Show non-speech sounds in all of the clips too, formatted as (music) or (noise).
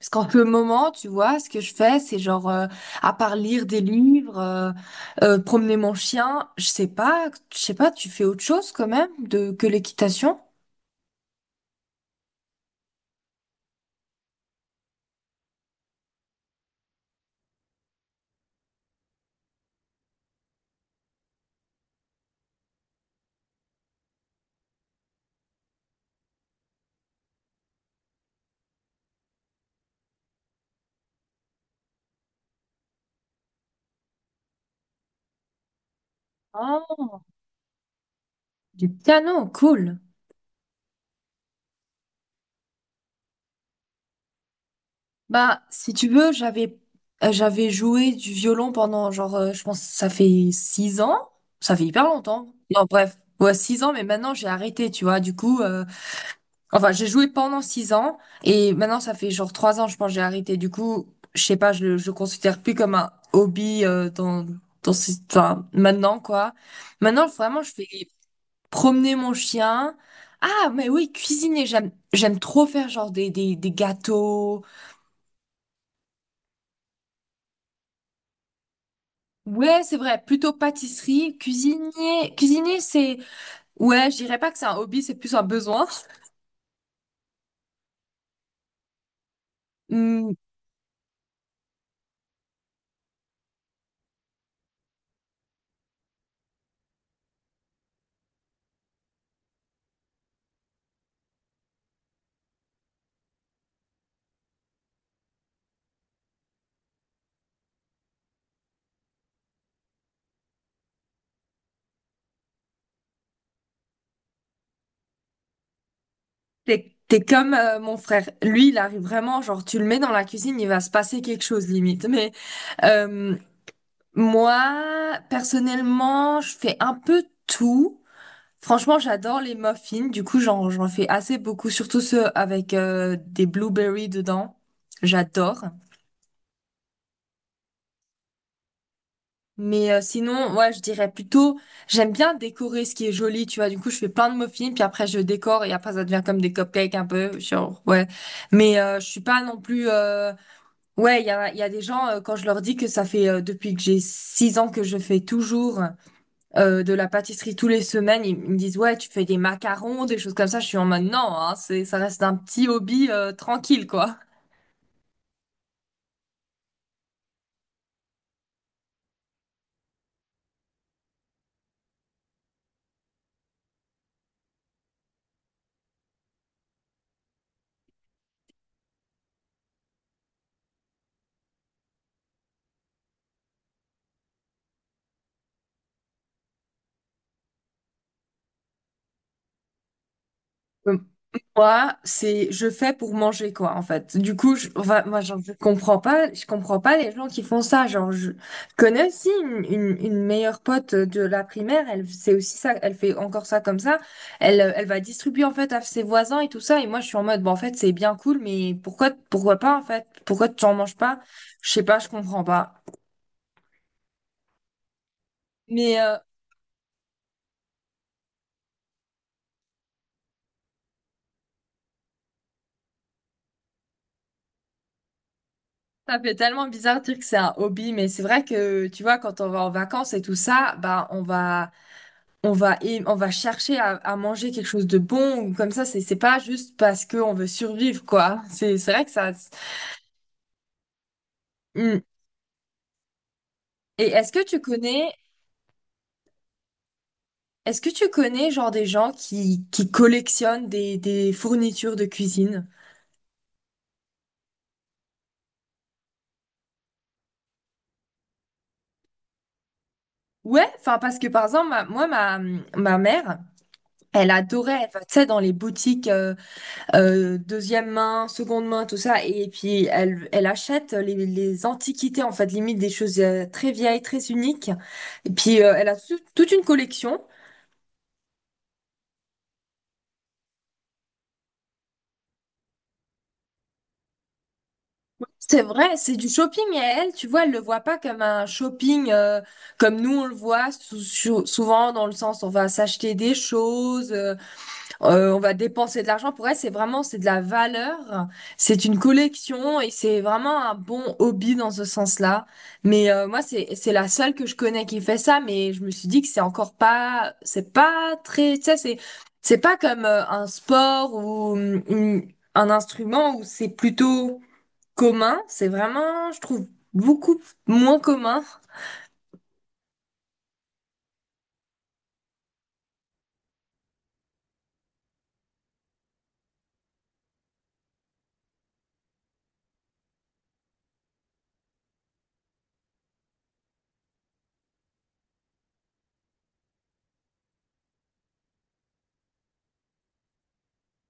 Parce qu'en ce moment, tu vois, ce que je fais, c'est genre, à part lire des livres, promener mon chien, je sais pas, tu fais autre chose quand même que l'équitation? Oh, du piano, cool. Bah, si tu veux, j'avais joué du violon pendant genre, je pense, que ça fait 6 ans. Ça fait hyper longtemps. Non, bref, ouais, 6 ans, mais maintenant j'ai arrêté, tu vois. Du coup, enfin, j'ai joué pendant 6 ans et maintenant ça fait genre 3 ans, je pense, que j'ai arrêté. Du coup, je sais pas, je le considère plus comme un hobby dans enfin, maintenant quoi. Maintenant, vraiment, je fais promener mon chien. Ah, mais oui, cuisiner, j'aime trop faire genre des gâteaux. Ouais, c'est vrai, plutôt pâtisserie, cuisiner, c'est, ouais, je dirais pas que c'est un hobby, c'est plus un besoin. (laughs) T'es comme mon frère. Lui, il arrive vraiment, genre, tu le mets dans la cuisine, il va se passer quelque chose, limite. Mais euh, moi, personnellement, je fais un peu tout. Franchement, j'adore les muffins. Du coup, j'en fais assez beaucoup, surtout ceux avec des blueberries dedans. J'adore. Mais sinon, ouais, je dirais plutôt, j'aime bien décorer ce qui est joli, tu vois. Du coup, je fais plein de muffins, puis après, je décore, et après, ça devient comme des cupcakes un peu, genre, ouais. Mais je suis pas non plus ouais, il y a des gens, quand je leur dis que ça fait depuis que j'ai 6 ans que je fais toujours de la pâtisserie tous les semaines, ils me disent, ouais, tu fais des macarons, des choses comme ça. Je suis en mode, non, hein, ça reste un petit hobby tranquille, quoi. Moi, c'est je fais pour manger quoi en fait. Du coup, enfin, moi genre, je comprends pas les gens qui font ça. Genre, je connais aussi une meilleure pote de la primaire, elle c'est aussi ça, elle fait encore ça comme ça. Elle, va distribuer en fait à ses voisins et tout ça. Et moi, je suis en mode bon en fait c'est bien cool, mais pourquoi pas en fait? Pourquoi tu en manges pas? Je sais pas, je comprends pas. Mais ça fait tellement bizarre de dire que c'est un hobby, mais c'est vrai que tu vois quand on va en vacances et tout ça, bah on va chercher à manger quelque chose de bon ou comme ça, c'est pas juste parce que on veut survivre quoi, c'est vrai que ça. Hmm. Et est-ce que tu connais est-ce que tu connais genre des gens qui collectionnent des fournitures de cuisine? Ouais, enfin, parce que par exemple ma- moi ma ma mère, elle adorait, elle va, tu sais, dans les boutiques deuxième main, seconde main, tout ça. Et puis, elle, elle achète les antiquités, en fait, limite des choses très vieilles, très uniques. Et puis, elle a toute une collection. C'est vrai, c'est du shopping et elle, tu vois, elle le voit pas comme un shopping comme nous on le voit souvent dans le sens on va s'acheter des choses, on va dépenser de l'argent. Pour elle, c'est vraiment, c'est de la valeur. C'est une collection et c'est vraiment un bon hobby dans ce sens-là. Mais moi, c'est la seule que je connais qui fait ça. Mais je me suis dit que c'est encore pas, c'est pas très, tu sais, c'est pas comme un sport ou un instrument où c'est plutôt commun. C'est vraiment, je trouve, beaucoup moins commun.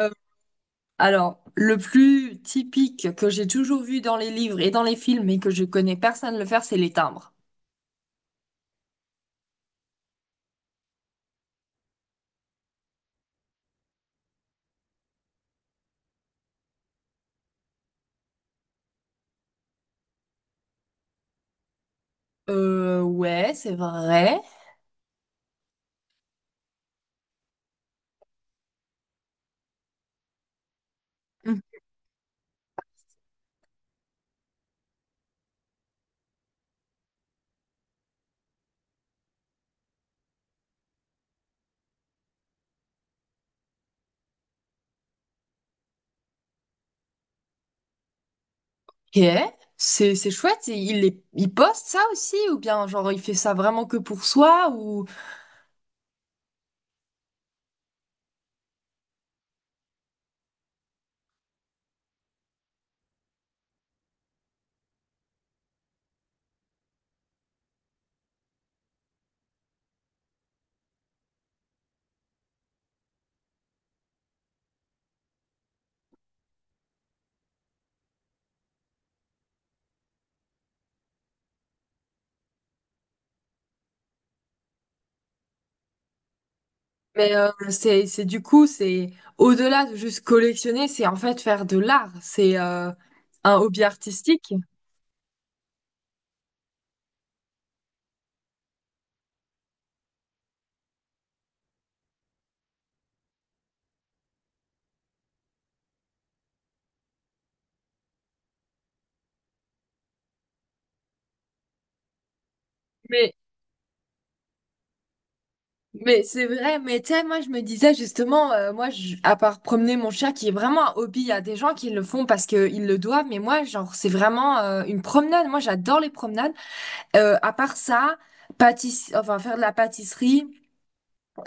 Euh, Alors, le plus typique que j'ai toujours vu dans les livres et dans les films, mais que je connais personne le faire, c'est les timbres. Ouais, c'est vrai. Ok. C'est chouette. Et il, les, il poste ça aussi, ou bien genre il fait ça vraiment que pour soi, ou? Mais c'est du coup, c'est au-delà de juste collectionner, c'est en fait faire de l'art. C'est un hobby artistique. Mais Mais c'est vrai, mais tu sais, moi je me disais justement, à part promener mon chien qui est vraiment un hobby, il y a des gens qui le font parce qu'ils le doivent, mais moi genre c'est vraiment une promenade, moi j'adore les promenades. À part ça, enfin faire de la pâtisserie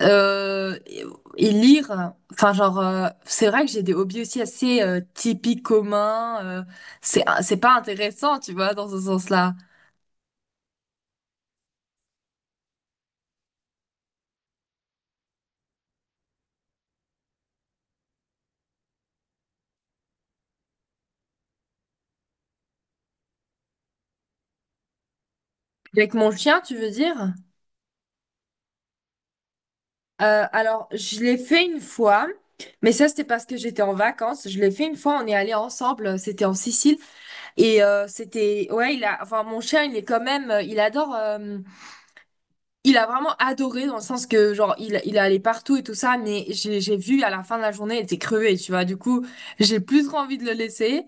euh, et, et lire, enfin genre c'est vrai que j'ai des hobbies aussi assez typiques communs, c'est pas intéressant tu vois dans ce sens-là. Avec mon chien tu veux dire? Alors, je l'ai fait une fois, mais ça, c'était parce que j'étais en vacances. Je l'ai fait une fois, on est allé ensemble, c'était en Sicile. Et c'était, ouais, enfin, mon chien, il est quand même, il adore, il a vraiment adoré dans le sens que, genre, il est allé partout et tout ça, mais j'ai vu à la fin de la journée, il était crevé, tu vois. Du coup, j'ai plus trop envie de le laisser,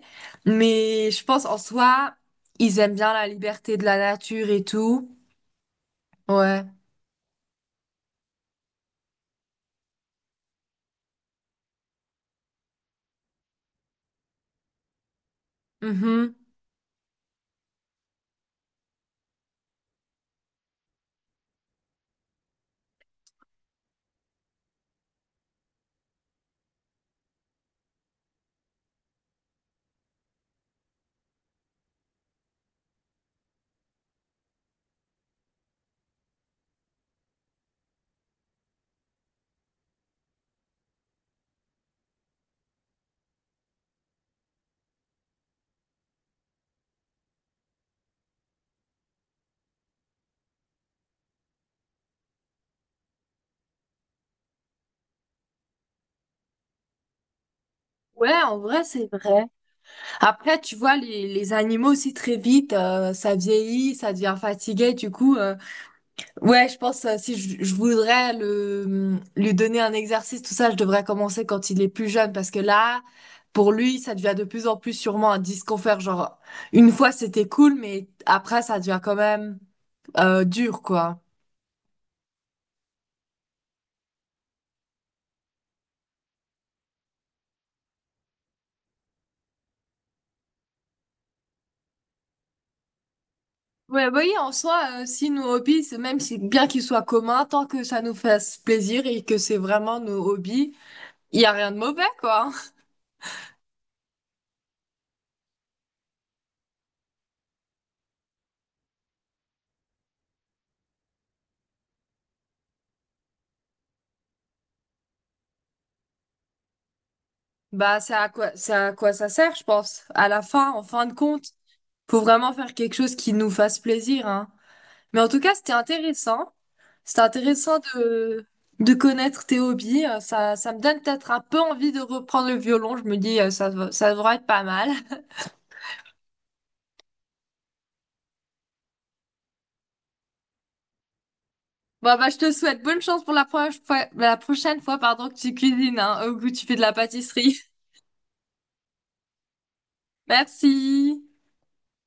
mais je pense en soi, ils aiment bien la liberté de la nature et tout. Ouais. Mhm. Ouais, en vrai, c'est vrai. Après, tu vois, les animaux aussi très vite, ça vieillit, ça devient fatigué. Du coup, ouais, je pense si je voudrais lui donner un exercice, tout ça, je devrais commencer quand il est plus jeune, parce que là, pour lui, ça devient de plus en plus sûrement un disconfort. Genre, une fois c'était cool, mais après, ça devient quand même dur, quoi. Ouais, bah oui, en soi, si nos hobbies, même si bien qu'ils soient communs, tant que ça nous fasse plaisir et que c'est vraiment nos hobbies, il y a rien de mauvais, quoi. Bah, c'est à quoi ça sert, je pense. À la fin, en fin de compte, faut vraiment faire quelque chose qui nous fasse plaisir, hein. Mais en tout cas, c'était intéressant. C'était intéressant de connaître tes hobbies. Ça, ça me donne peut-être un peu envie de reprendre le violon. Je me dis, ça, ça devrait être pas mal. (laughs) Bon, bah, je te souhaite bonne chance pour la, la prochaine fois, pardon, que tu cuisines, hein, ou que tu fais de la pâtisserie. (laughs) Merci.